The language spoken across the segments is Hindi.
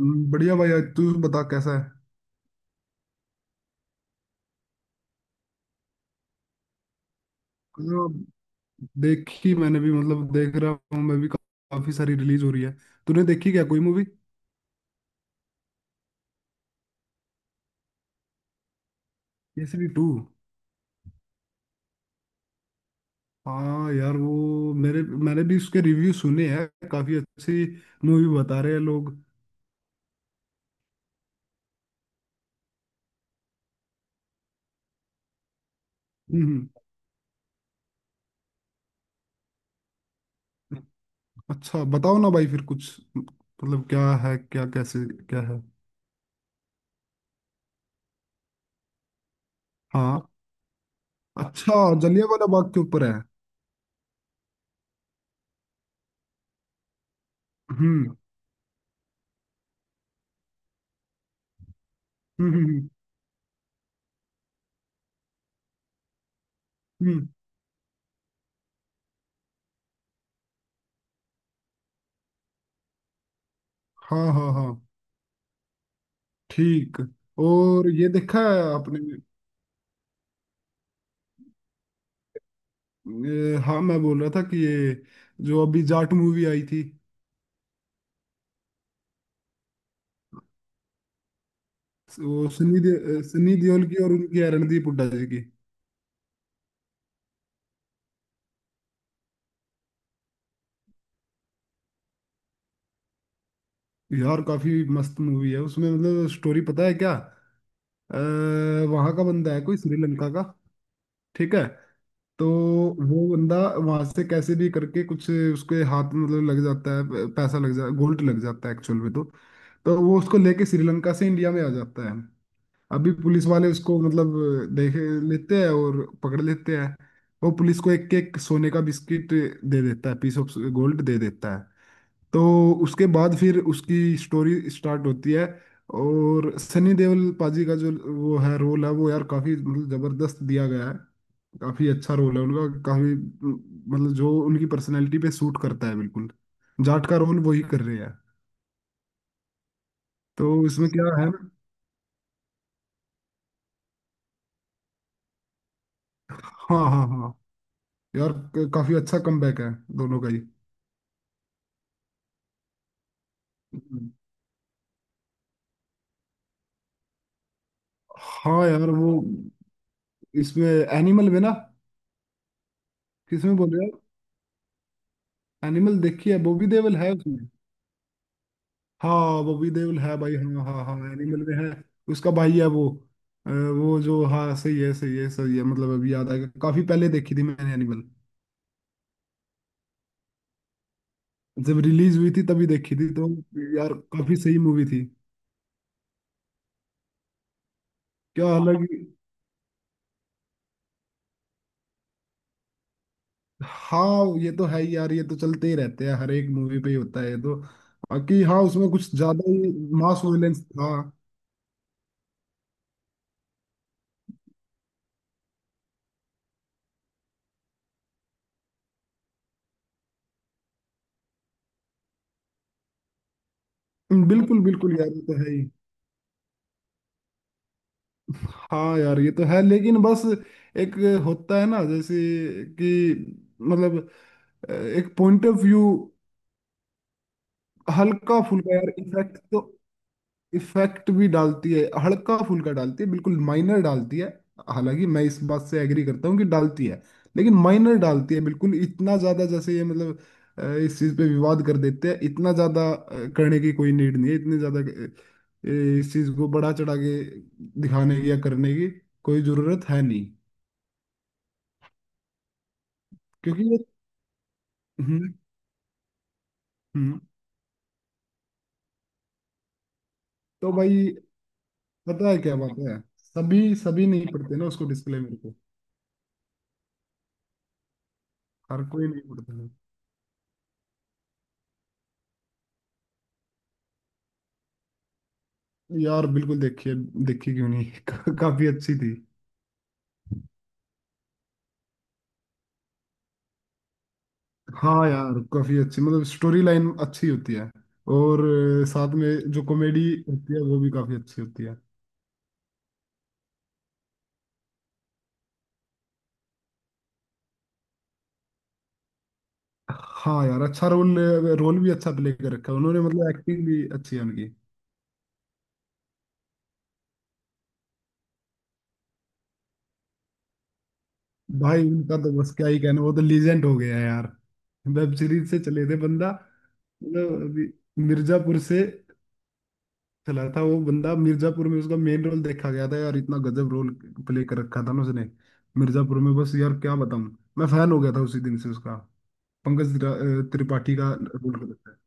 बढ़िया भाई। आज तू बता कैसा है। मतलब देखी मैंने भी, मतलब देख रहा हूँ मैं भी। काफी सारी रिलीज हो रही है। तूने देखी क्या कोई मूवी? केसरी टू। हाँ यार, वो मेरे मैंने भी उसके रिव्यू सुने हैं। काफी अच्छी मूवी बता रहे हैं लोग। हम्म। अच्छा बताओ ना भाई, फिर कुछ मतलब क्या है क्या, कैसे क्या है? हाँ। अच्छा, जलियांवाला बाग के ऊपर है। हम्म। हम्म। हम्म। हम्म, हाँ हाँ हाँ, ठीक। और ये देखा है आपने? ये, हाँ मैं बोल रहा था कि ये जो अभी जाट मूवी आई थी, वो सनी देओल की और उनकी रणदीप हुड्डा जी की। यार काफी मस्त मूवी है उसमें। मतलब स्टोरी पता है क्या, वहां का बंदा है कोई श्रीलंका का। ठीक है। तो वो बंदा वहां से कैसे भी करके कुछ उसके हाथ में मतलब लग जाता है, पैसा लग जाता है, गोल्ड लग जाता है एक्चुअल में। तो वो उसको लेके श्रीलंका से इंडिया में आ जाता है। अभी पुलिस वाले उसको मतलब देख लेते हैं और पकड़ लेते हैं। वो पुलिस को एक एक सोने का बिस्किट दे देता है, पीस ऑफ गोल्ड दे देता है। तो उसके बाद फिर उसकी स्टोरी स्टार्ट होती है। और सनी देओल पाजी का जो वो है रोल है वो, यार काफी मतलब जबरदस्त दिया गया है। काफी अच्छा रोल है उनका, काफी मतलब जो उनकी पर्सनैलिटी पे सूट करता है बिल्कुल। जाट का रोल वही कर रहे हैं, तो इसमें क्या है। हाँ हाँ हाँ, यार काफी अच्छा कमबैक है दोनों का ही। हाँ यार वो इसमें एनिमल में ना। किसमें बोल रहे हो? एनिमल देखी है, बॉबी देओल है उसमें। हाँ बॉबी देओल है भाई, हाँ हाँ हाँ, एनिमल में है, उसका भाई है वो। वो जो, हाँ सही है सही है सही है, मतलब अभी याद आएगा। काफी पहले देखी थी मैंने एनिमल, जब रिलीज हुई थी तभी देखी थी तो। यार काफी सही मूवी थी। क्या अलग। हाँ ये तो है ही यार, ये तो चलते ही रहते हैं, हर एक मूवी पे ही होता है ये तो। बाकी हाँ, उसमें कुछ ज्यादा ही मास वायलेंस था। बिल्कुल बिल्कुल यार, ये तो है ही। हाँ यार ये तो है, लेकिन बस एक होता है ना, जैसे कि मतलब एक पॉइंट ऑफ व्यू। हल्का फुल्का यार इफेक्ट तो, इफेक्ट भी डालती है, हल्का फुल्का डालती है, बिल्कुल माइनर डालती है। हालांकि मैं इस बात से एग्री करता हूँ कि डालती है, लेकिन माइनर डालती है बिल्कुल। इतना ज्यादा जैसे ये मतलब इस चीज पे विवाद कर देते हैं, इतना ज्यादा करने की कोई नीड नहीं है। इतनी ज्यादा इस चीज को बढ़ा चढ़ा के दिखाने की या करने की कोई जरूरत है नहीं। क्योंकि ये हम्म। हम्म। तो भाई पता है क्या बात है, सभी सभी नहीं पढ़ते ना उसको, डिस्क्लेमर को। हर कोई नहीं पढ़ता। यार बिल्कुल देखिए, देखी क्यों नहीं काफी अच्छी थी। हाँ यार काफी अच्छी, मतलब स्टोरी लाइन अच्छी होती है, और साथ में जो कॉमेडी होती है वो भी काफी अच्छी होती है। हाँ यार अच्छा रोल, रोल भी अच्छा प्ले कर रखा है उन्होंने, मतलब एक्टिंग भी अच्छी है उनकी। भाई उनका तो बस क्या ही कहना, वो तो लीजेंड हो गया है यार। वेब सीरीज से चले थे बंदा, मतलब अभी मिर्जापुर से चला था वो बंदा। मिर्जापुर में उसका मेन रोल देखा गया था, यार इतना गजब रोल प्ले कर रखा था ना उसने मिर्जापुर में। बस यार क्या बताऊं, मैं फैन हो गया था उसी दिन से उसका। पंकज त्रिपाठी का रोल कर रखा है।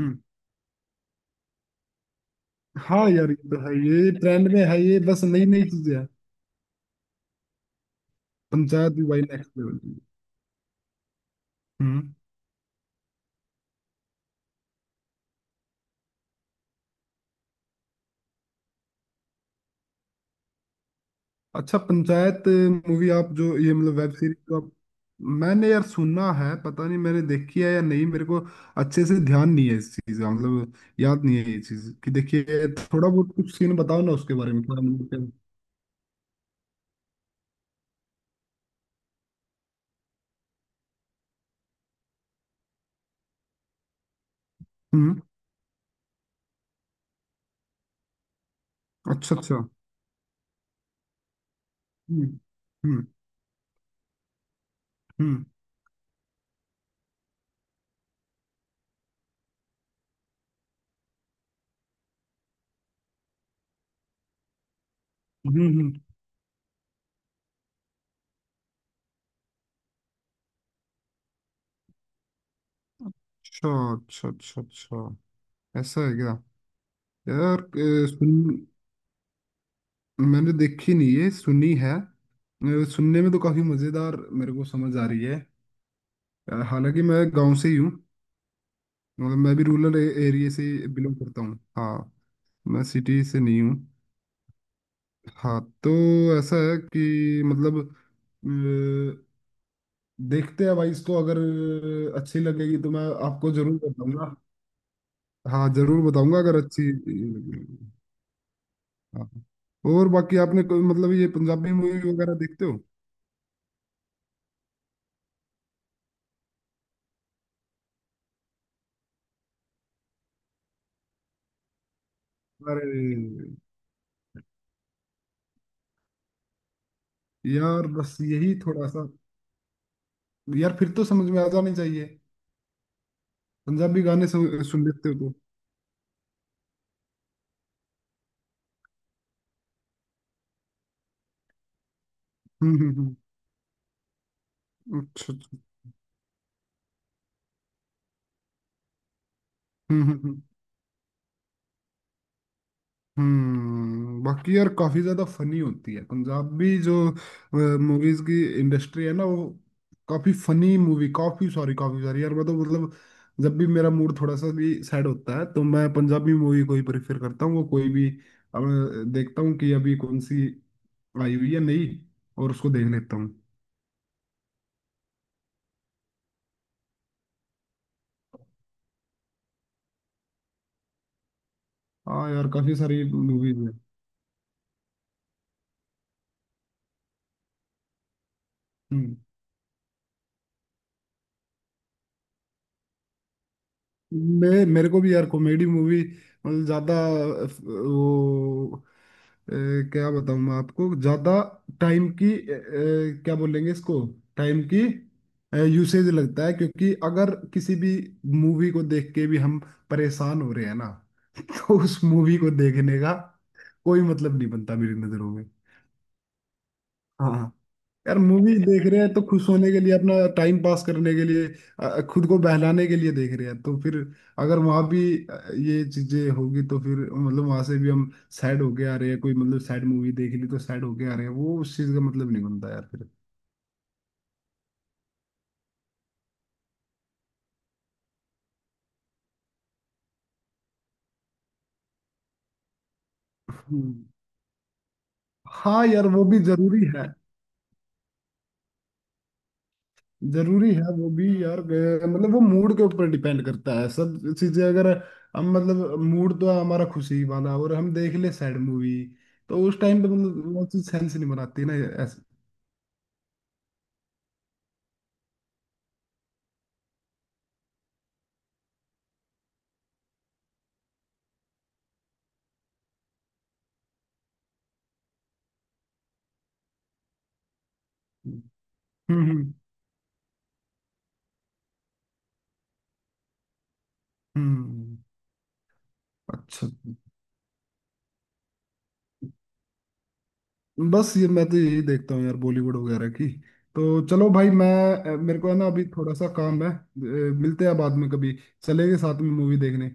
हम्म। हाँ यार ये तो है, ये ट्रेंड में है, ये बस नई नई चीजें हैं। पंचायत भी भाई नेक्स्ट लेवल की। हम्म। अच्छा पंचायत मूवी, आप जो ये मतलब वेब सीरीज जो आप, मैंने यार सुना है, पता नहीं मैंने देखी है या नहीं, मेरे को अच्छे से ध्यान नहीं है इस चीज का, मतलब याद नहीं है ये चीज कि देखिए। थोड़ा बहुत कुछ सीन बताओ ना उसके बारे में, क्या मतलब हम्म। अच्छा अच्छा। हम्म। हम्म। हम्म। हम्म। अच्छा अच्छा अच्छा। अच्छा ऐसा है क्या? यार सुन, मैंने देखी नहीं है सुनी है, सुनने में तो काफी मजेदार मेरे को समझ आ रही है। हालांकि मैं गांव से ही हूँ, मतलब मैं भी रूरल एरिया से बिलोंग करता हूँ। हाँ मैं सिटी से नहीं हूँ। हाँ तो ऐसा है कि मतलब देखते हैं भाई इसको, अगर अच्छी लगेगी तो मैं आपको जरूर बताऊंगा। हाँ जरूर बताऊंगा अगर अच्छी लगी। हाँ और बाकी आपने कोई मतलब ये पंजाबी मूवी वगैरह देखते हो? अरे यार बस यही थोड़ा सा, यार फिर तो समझ में आ जानी चाहिए। पंजाबी गाने सुन लेते हो तो। हम्म। अच्छा अच्छा। हम्म हम्म हम्म। बाकी यार काफी ज्यादा फनी होती है पंजाबी जो मूवीज की इंडस्ट्री है ना वो। काफी फनी मूवी, काफी सॉरी काफी सारी। यार मैं तो मतलब जब भी मेरा मूड थोड़ा सा भी सैड होता है तो मैं पंजाबी मूवी को ही प्रेफर करता हूँ। वो कोई भी अब देखता हूँ कि अभी कौन सी आई हुई है नई, और उसको देख लेता हूँ। हाँ यार काफी सारी मूवीज है। मैं, मेरे को भी यार कॉमेडी मूवी मतलब ज्यादा, वो अ, क्या बताऊं मैं आपको, ज्यादा टाइम की क्या बोलेंगे इसको, टाइम की यूसेज लगता है, क्योंकि अगर किसी भी मूवी को देख के भी हम परेशान हो रहे हैं ना तो उस मूवी को देखने का कोई मतलब नहीं बनता मेरी नजरों में। हाँ यार मूवीज देख रहे हैं तो खुश होने के लिए, अपना टाइम पास करने के लिए, खुद को बहलाने के लिए देख रहे हैं, तो फिर अगर वहां भी ये चीजें होगी, तो फिर मतलब वहां से भी हम सैड होके आ रहे हैं। कोई मतलब सैड मूवी देख ली तो सैड होके आ रहे हैं, वो उस चीज का मतलब नहीं बनता यार फिर। हम्म। हाँ यार वो भी जरूरी है, जरूरी है वो भी यार, मतलब वो मूड के ऊपर डिपेंड करता है सब चीजें, अगर हम मतलब मूड तो हमारा खुशी वाला और हम देख ले सैड मूवी, तो उस टाइम पे मतलब वो चीज सेंस नहीं बनाती ना ऐसे। हम्म। हम्म हम्म, हम्म। अच्छा बस ये मैं तो यही देखता हूँ यार बॉलीवुड वगैरह की। तो चलो भाई मैं, मेरे को है ना अभी थोड़ा सा काम है, मिलते हैं बाद में कभी। चलेंगे साथ में मूवी देखने।